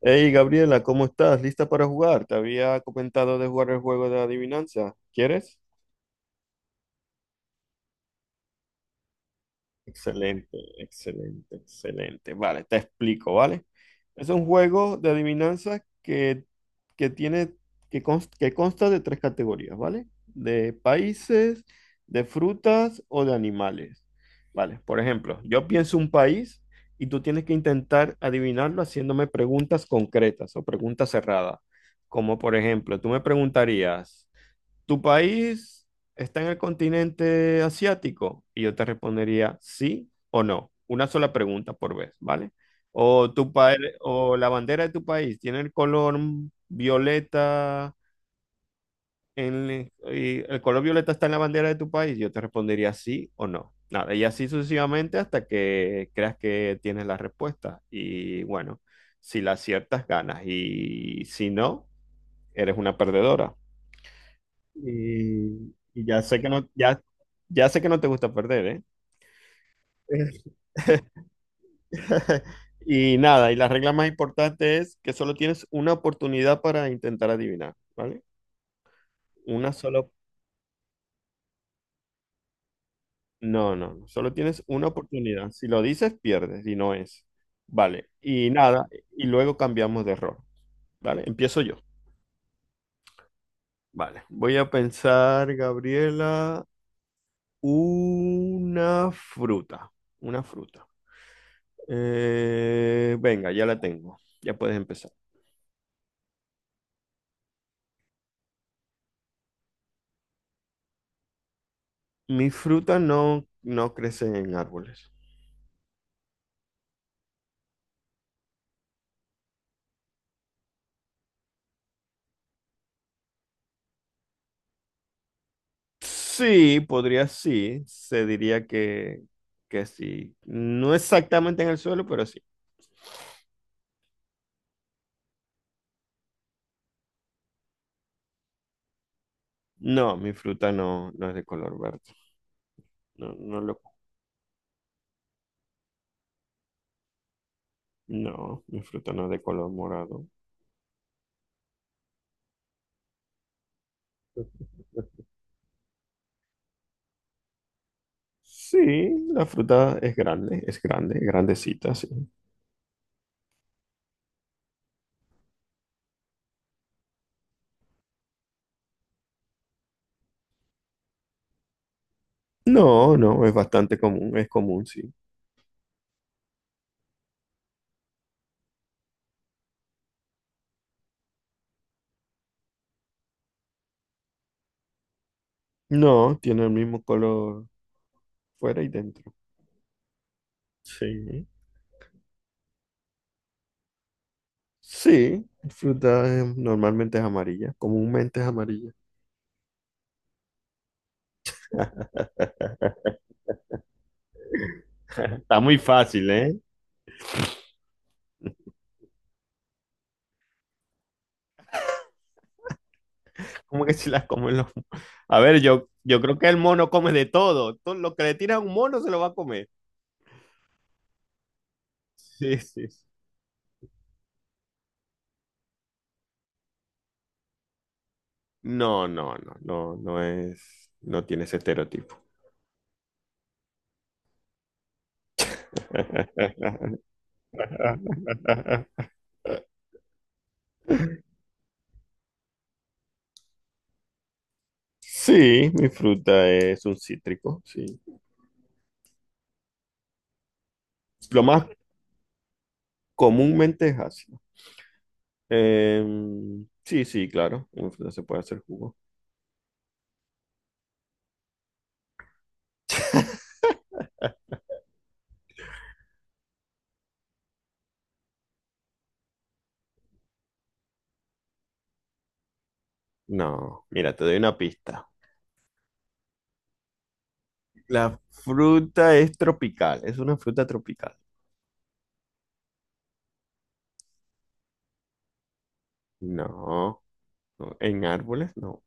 Hey Gabriela, ¿cómo estás? ¿Lista para jugar? Te había comentado de jugar el juego de adivinanza. ¿Quieres? Excelente, excelente, excelente. Vale, te explico, ¿vale? Es un juego de adivinanzas que tiene, que consta de tres categorías, ¿vale? De países, de frutas o de animales. Vale, por ejemplo, yo pienso un país y tú tienes que intentar adivinarlo haciéndome preguntas concretas o preguntas cerradas. Como por ejemplo, tú me preguntarías, ¿tu país está en el continente asiático? Y yo te respondería sí o no. Una sola pregunta por vez, ¿vale? O tu país, o la bandera de tu país tiene el color violeta en, el y el color violeta está en la bandera de tu país. Yo te respondería sí o no. Nada, y así sucesivamente hasta que creas que tienes la respuesta. Y bueno, si la aciertas, ganas. Y si no, eres una perdedora. Y ya sé que no te gusta perder, ¿eh? Y nada, y la regla más importante es que solo tienes una oportunidad para intentar adivinar, ¿vale? Una sola. No, no, no, solo tienes una oportunidad. Si lo dices, pierdes, y no es. Vale, y nada, y luego cambiamos de error, ¿vale? Empiezo yo. Vale, voy a pensar, Gabriela, una fruta, una fruta. Venga, ya la tengo. Ya puedes empezar. Mis frutas no crecen en árboles. Sí, podría sí. Se diría que sí. No exactamente en el suelo, pero sí. No, mi fruta no es de color verde. No, mi fruta no es de color morado. Sí, la fruta es grande, grandecita, sí. No, no, es bastante común, es común, sí. No, tiene el mismo color fuera y dentro. Sí. Sí, fruta normalmente es amarilla, comúnmente es amarilla. Está muy fácil, ¿eh? ¿Cómo que si las comen los? A ver, yo creo que el mono come de todo. Todo lo que le tira a un mono se lo va a comer. Sí, sí. No, no, no, no, no es. No tiene ese estereotipo. Sí, mi fruta es un cítrico, sí. Lo más comúnmente es así. Sí, sí, claro. Una fruta se puede hacer jugo. No, mira, te doy una pista. La fruta es tropical, es una fruta tropical. No, no, en árboles no.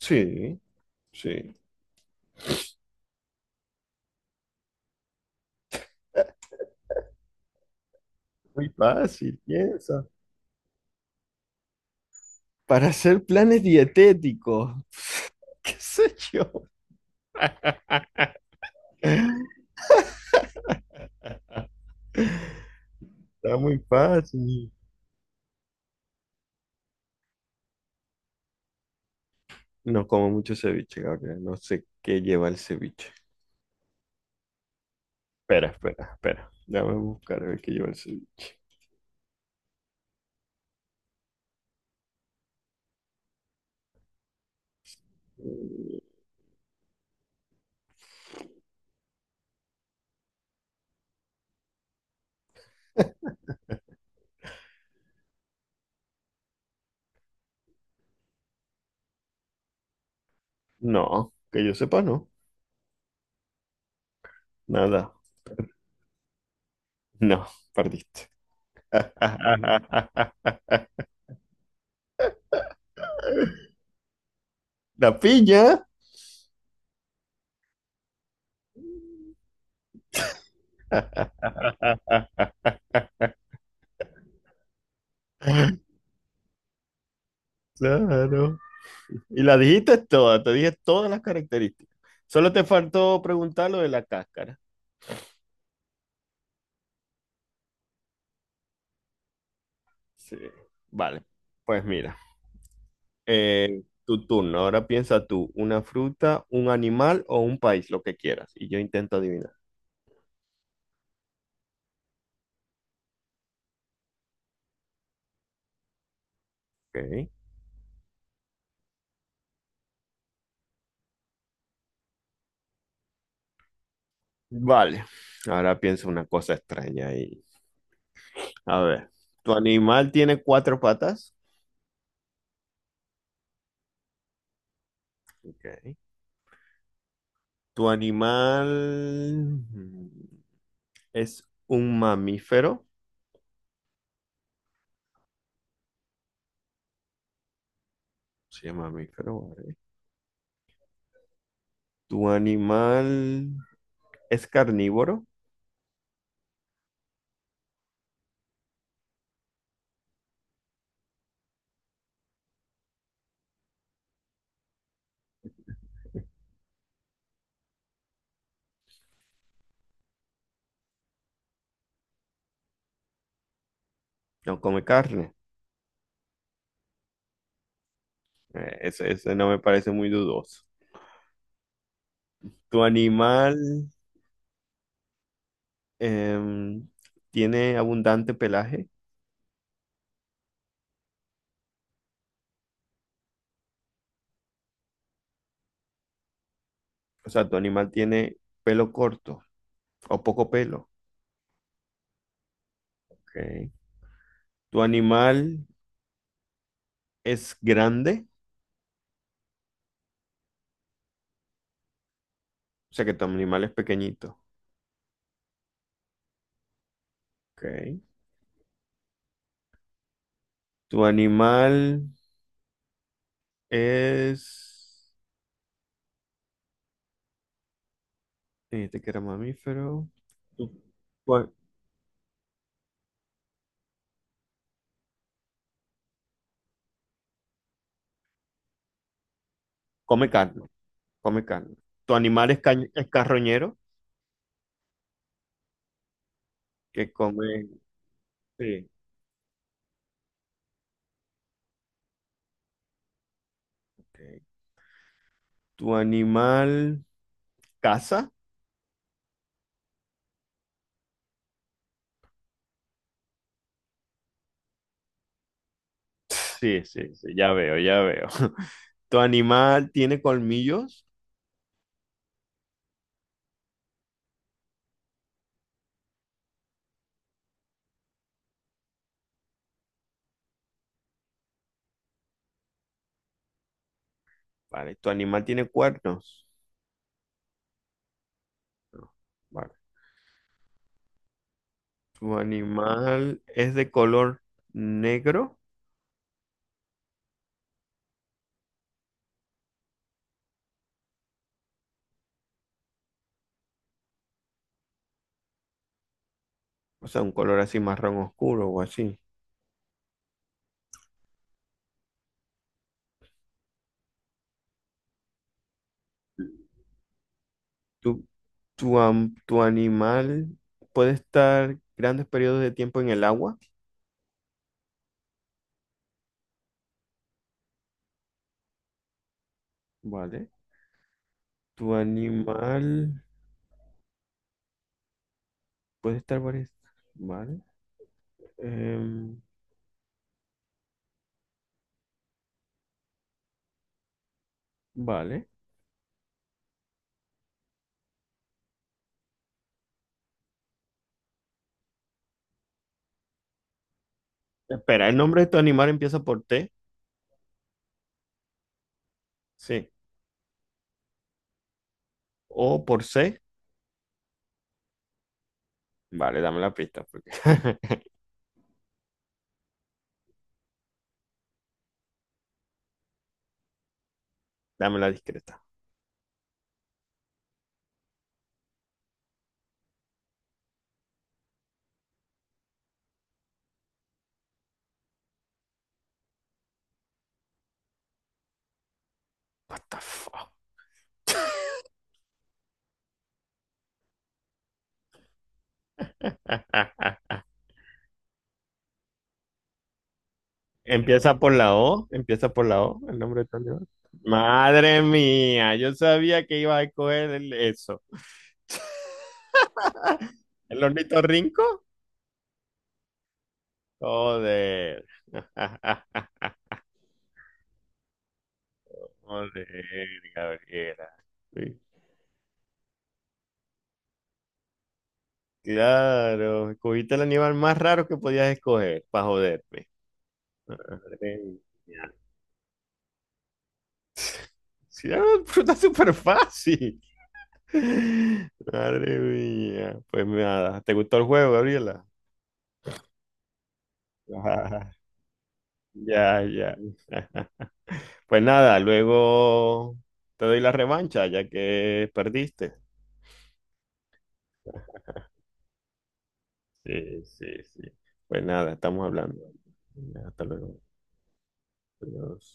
Sí, sí. Eh, Muy fácil, piensa. Para hacer planes dietéticos. ¿Qué sé yo? Está muy fácil. No como mucho ceviche, Gabriel. No sé qué lleva el ceviche. Espera, espera, espera. Déjame buscar a ver que yo el cel- No, que yo sepa, no. Nada. No, perdiste. La piña. Claro. Y la dijiste toda, te dije todas las características. Solo te faltó preguntar lo de la cáscara. Sí. Vale. Pues mira, tu turno. Ahora piensa tú, una fruta, un animal o un país, lo que quieras. Y yo intento adivinar. Ok. Vale, ahora pienso una cosa extraña ahí. A ver, ¿tu animal tiene cuatro patas? Ok. ¿Tu animal mm, es un mamífero? Sí, es mamífero. Vale. ¿Tu animal es carnívoro? No come carne. Ese no me parece muy dudoso. ¿Tu animal em, tiene abundante pelaje? O sea, ¿tu animal tiene pelo corto o poco pelo? Ok. ¿Tu animal es grande, o sea que tu animal es pequeñito? Ok. Tu animal es, este que era mamífero. Tu- tu- Come carne, come carne. Tu animal es carroñero, que come. Sí. Ok. Tu animal caza. Sí, sí, sí, ya veo, ya veo. ¿Tu animal tiene colmillos? Vale. ¿Tu animal tiene cuernos? No. Vale. ¿Tu animal es de color negro? O sea, un color así marrón oscuro o así. ¿Tu, tu animal puede estar grandes periodos de tiempo en el agua? Vale. ¿Tu animal puede estar varias? Vale. Em, vale. Espera, ¿el nombre de tu animal empieza por T? Sí. ¿O por C? Vale, dame la pista. Porque. Dame la discreta. What the fuck? Empieza por la O, empieza por la O, el nombre de tu animal. Madre mía, yo sabía que iba a coger eso. ¿El hornito Rinco? Joder. Joder, Gabriela. Sí, claro, escogiste el animal más raro que podías escoger para joderme. Madre mía. Sí, era una fruta súper fácil. Madre mía. Pues nada, ¿te gustó el juego, Gabriela? Ajá. Ya, ya. Ajá. Pues nada, luego te doy la revancha ya que perdiste. Sí, sí, sí. Pues nada, estamos hablando. Hasta luego. Adiós.